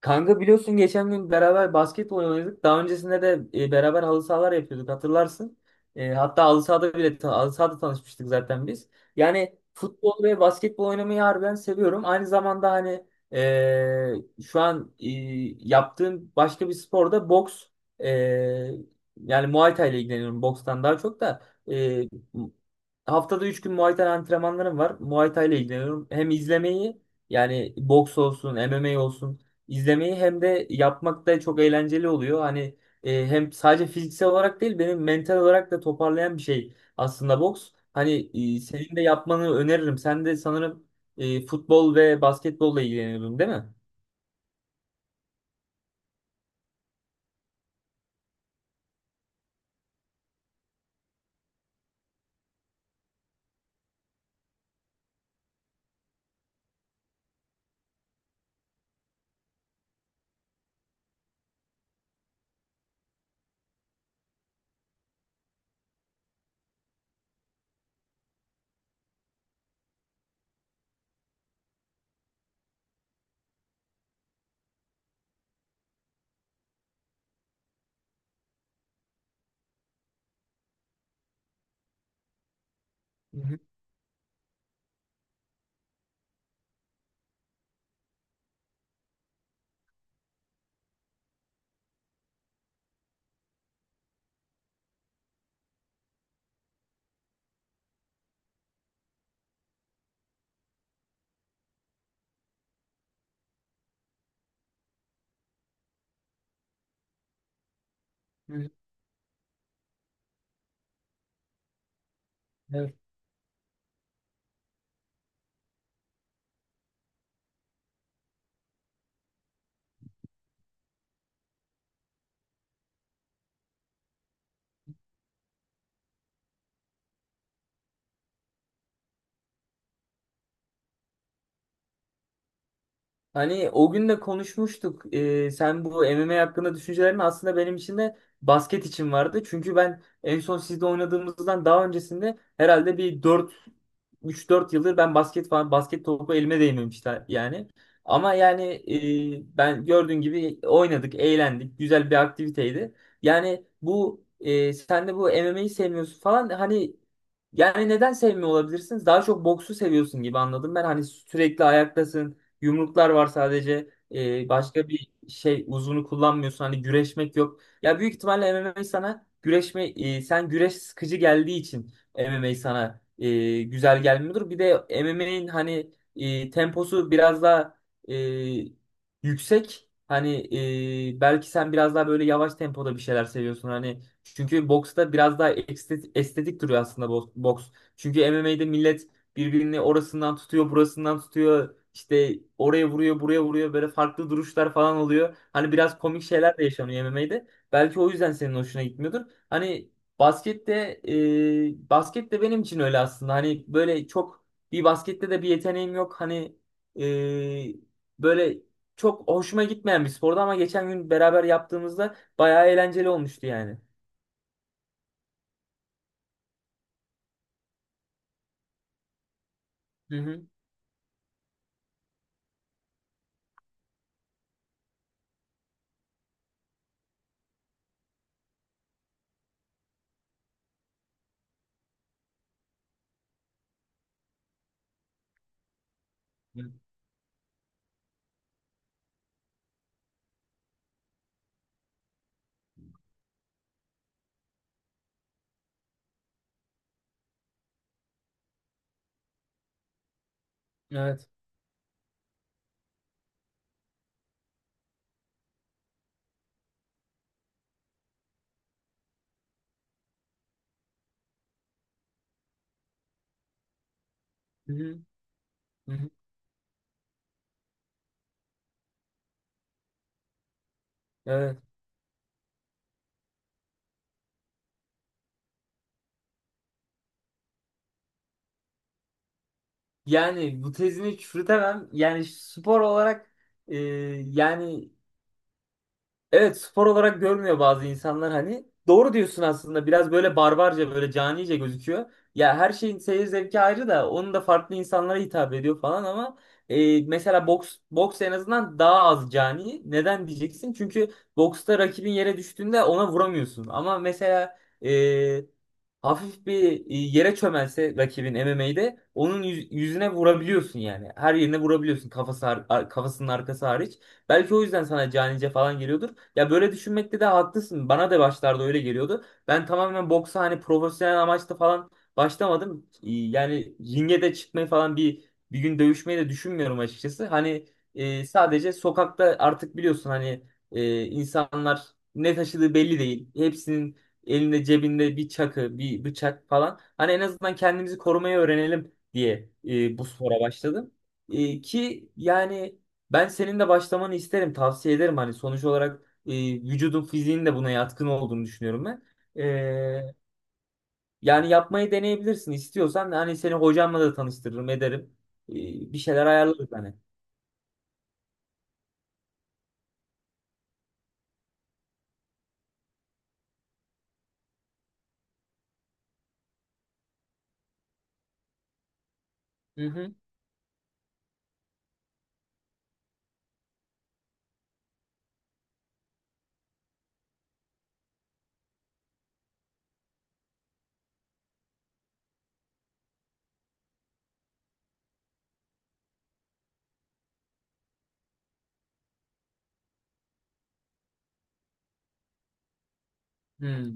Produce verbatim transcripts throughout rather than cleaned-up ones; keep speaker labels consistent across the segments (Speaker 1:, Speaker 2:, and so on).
Speaker 1: Kanka biliyorsun geçen gün beraber basketbol oynadık. Daha öncesinde de e, beraber halı sahalar yapıyorduk hatırlarsın. E, hatta halı sahada bile ta- halı sahada tanışmıştık zaten biz. Yani futbol ve basketbol oynamayı harbiden seviyorum. Aynı zamanda hani e, şu an, e, yaptığım başka bir sporda boks, e, yani Muay Thai ile ilgileniyorum bokstan daha çok da. e, Haftada üç gün Muay Thai antrenmanlarım var. Muay Thai ile ilgileniyorum. Hem izlemeyi, yani boks olsun, M M A olsun. İzlemeyi hem de yapmak da çok eğlenceli oluyor. Hani e, hem sadece fiziksel olarak değil benim mental olarak da toparlayan bir şey aslında boks. Hani e, senin de yapmanı öneririm. Sen de sanırım e, futbol ve basketbolla ilgileniyordun değil mi? hı, hı hı. Evet. Hani o gün de konuşmuştuk. Ee, sen bu M M A hakkında düşüncelerin aslında benim için de basket için vardı. Çünkü ben en son sizde oynadığımızdan daha öncesinde herhalde bir dört, üç dört yıldır ben basket falan basket topu elime değmemişti yani. Ama yani e, ben gördüğün gibi oynadık, eğlendik. Güzel bir aktiviteydi. Yani bu, e, sen de bu M M A'yi sevmiyorsun falan, hani yani neden sevmiyor olabilirsiniz? Daha çok boksu seviyorsun gibi anladım ben. Hani sürekli ayaktasın. Yumruklar var sadece. Ee, başka bir şey uzunu kullanmıyorsun. Hani güreşmek yok. Ya büyük ihtimalle M M A sana güreşme e, sen güreş sıkıcı geldiği için M M A sana e, güzel gelmiyordur. Bir de M M A'nin hani e, temposu biraz daha e, yüksek. Hani e, belki sen biraz daha böyle yavaş tempoda bir şeyler seviyorsun. Hani çünkü boksta biraz daha estetik, estetik duruyor aslında bo- boks. Çünkü M M A'de millet birbirini orasından tutuyor, burasından tutuyor. İşte oraya vuruyor, buraya vuruyor. Böyle farklı duruşlar falan oluyor. Hani biraz komik şeyler de yaşanıyor M M A'de. Belki o yüzden senin hoşuna gitmiyordur. Hani baskette, e, basket de benim için öyle aslında. Hani böyle çok, bir baskette de bir yeteneğim yok. Hani e, böyle çok hoşuma gitmeyen bir spordu ama geçen gün beraber yaptığımızda bayağı eğlenceli olmuştu yani. Hı hı. Evet. Hı hı. Hı hı. Evet. Yani bu tezini çürütemem. Yani spor olarak, e, yani, evet, spor olarak görmüyor bazı insanlar hani. Doğru diyorsun aslında. Biraz böyle barbarca, böyle canice gözüküyor. Ya her şeyin seyir zevki ayrı da onun da farklı insanlara hitap ediyor falan ama e, mesela boks boks en azından daha az cani. Neden diyeceksin? Çünkü boksta rakibin yere düştüğünde ona vuramıyorsun. Ama mesela e, hafif bir, e, yere çömelse rakibin M M A'de onun yüz- yüzüne vurabiliyorsun yani. Her yerine vurabiliyorsun, kafası har- ar- kafasının arkası hariç. Belki o yüzden sana canice falan geliyordur. Ya böyle düşünmekte de haklısın. Bana da başlarda öyle geliyordu. Ben tamamen boksa hani profesyonel amaçla falan başlamadım. Ee, Yani ringe de çıkmayı falan bir bir gün dövüşmeyi de düşünmüyorum açıkçası. Hani e, sadece sokakta artık biliyorsun hani e, insanlar ne taşıdığı belli değil. Hepsinin elinde cebinde bir çakı, bir bıçak falan. Hani en azından kendimizi korumayı öğrenelim diye e, bu spora başladım. E, ki yani ben senin de başlamanı isterim, tavsiye ederim. Hani sonuç olarak e, vücudun fiziğinin de buna yatkın olduğunu düşünüyorum ben. E, Yani yapmayı deneyebilirsin istiyorsan. Hani seni hocamla da tanıştırırım ederim. E, Bir şeyler ayarlarız hani. Hı hı. Hı.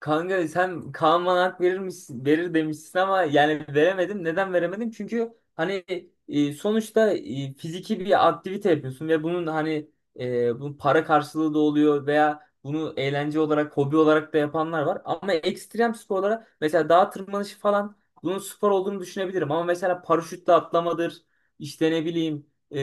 Speaker 1: Kanka sen Kaan bana hak verir misin, verir demişsin ama yani veremedim. Neden veremedim? Çünkü hani e, sonuçta e, fiziki bir aktivite yapıyorsun ve bunun hani e, bunun para karşılığı da oluyor veya bunu eğlence olarak, hobi olarak da yapanlar var. Ama ekstrem sporlara mesela dağ tırmanışı falan, bunun spor olduğunu düşünebilirim. Ama mesela paraşütle atlamadır, işte ne bileyim, e,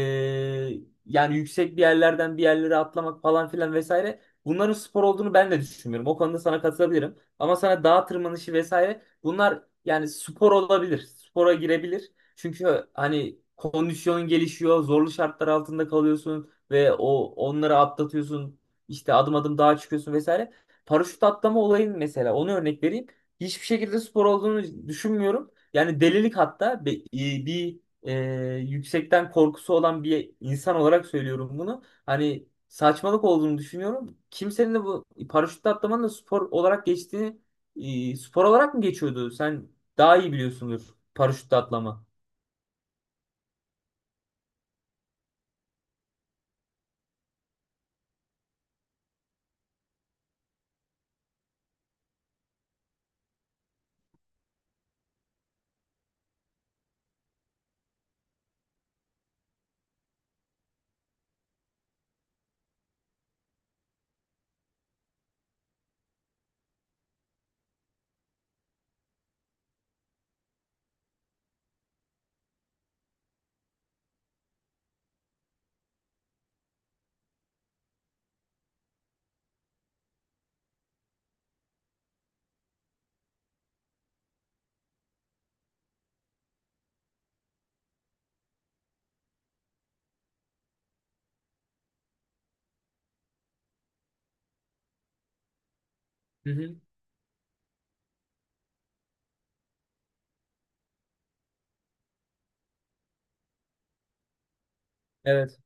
Speaker 1: yani yüksek bir yerlerden bir yerlere atlamak falan filan vesaire. Bunların spor olduğunu ben de düşünmüyorum. O konuda sana katılabilirim. Ama sana dağ tırmanışı vesaire, bunlar yani spor olabilir. Spora girebilir. Çünkü hani kondisyon gelişiyor. Zorlu şartlar altında kalıyorsun ve o onları atlatıyorsun. İşte adım adım dağa çıkıyorsun vesaire. Paraşüt atlama olayın mesela, onu örnek vereyim. Hiçbir şekilde spor olduğunu düşünmüyorum. Yani delilik, hatta bir, bir e, yüksekten korkusu olan bir insan olarak söylüyorum bunu. Hani saçmalık olduğunu düşünüyorum. Kimsenin de bu paraşütle atlamanın da spor olarak geçtiğini, e, spor olarak mı geçiyordu? Sen daha iyi biliyorsundur, paraşütle atlama. Hı hı. Evet.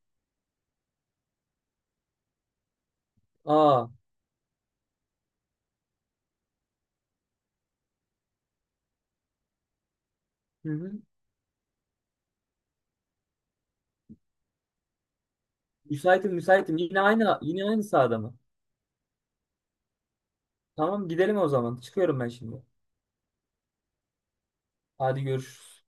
Speaker 1: Aa, hı hı. Müsaitim, müsaitim. Yine aynı yine aynı sahada mı? Tamam, gidelim o zaman. Çıkıyorum ben şimdi. Hadi görüşürüz.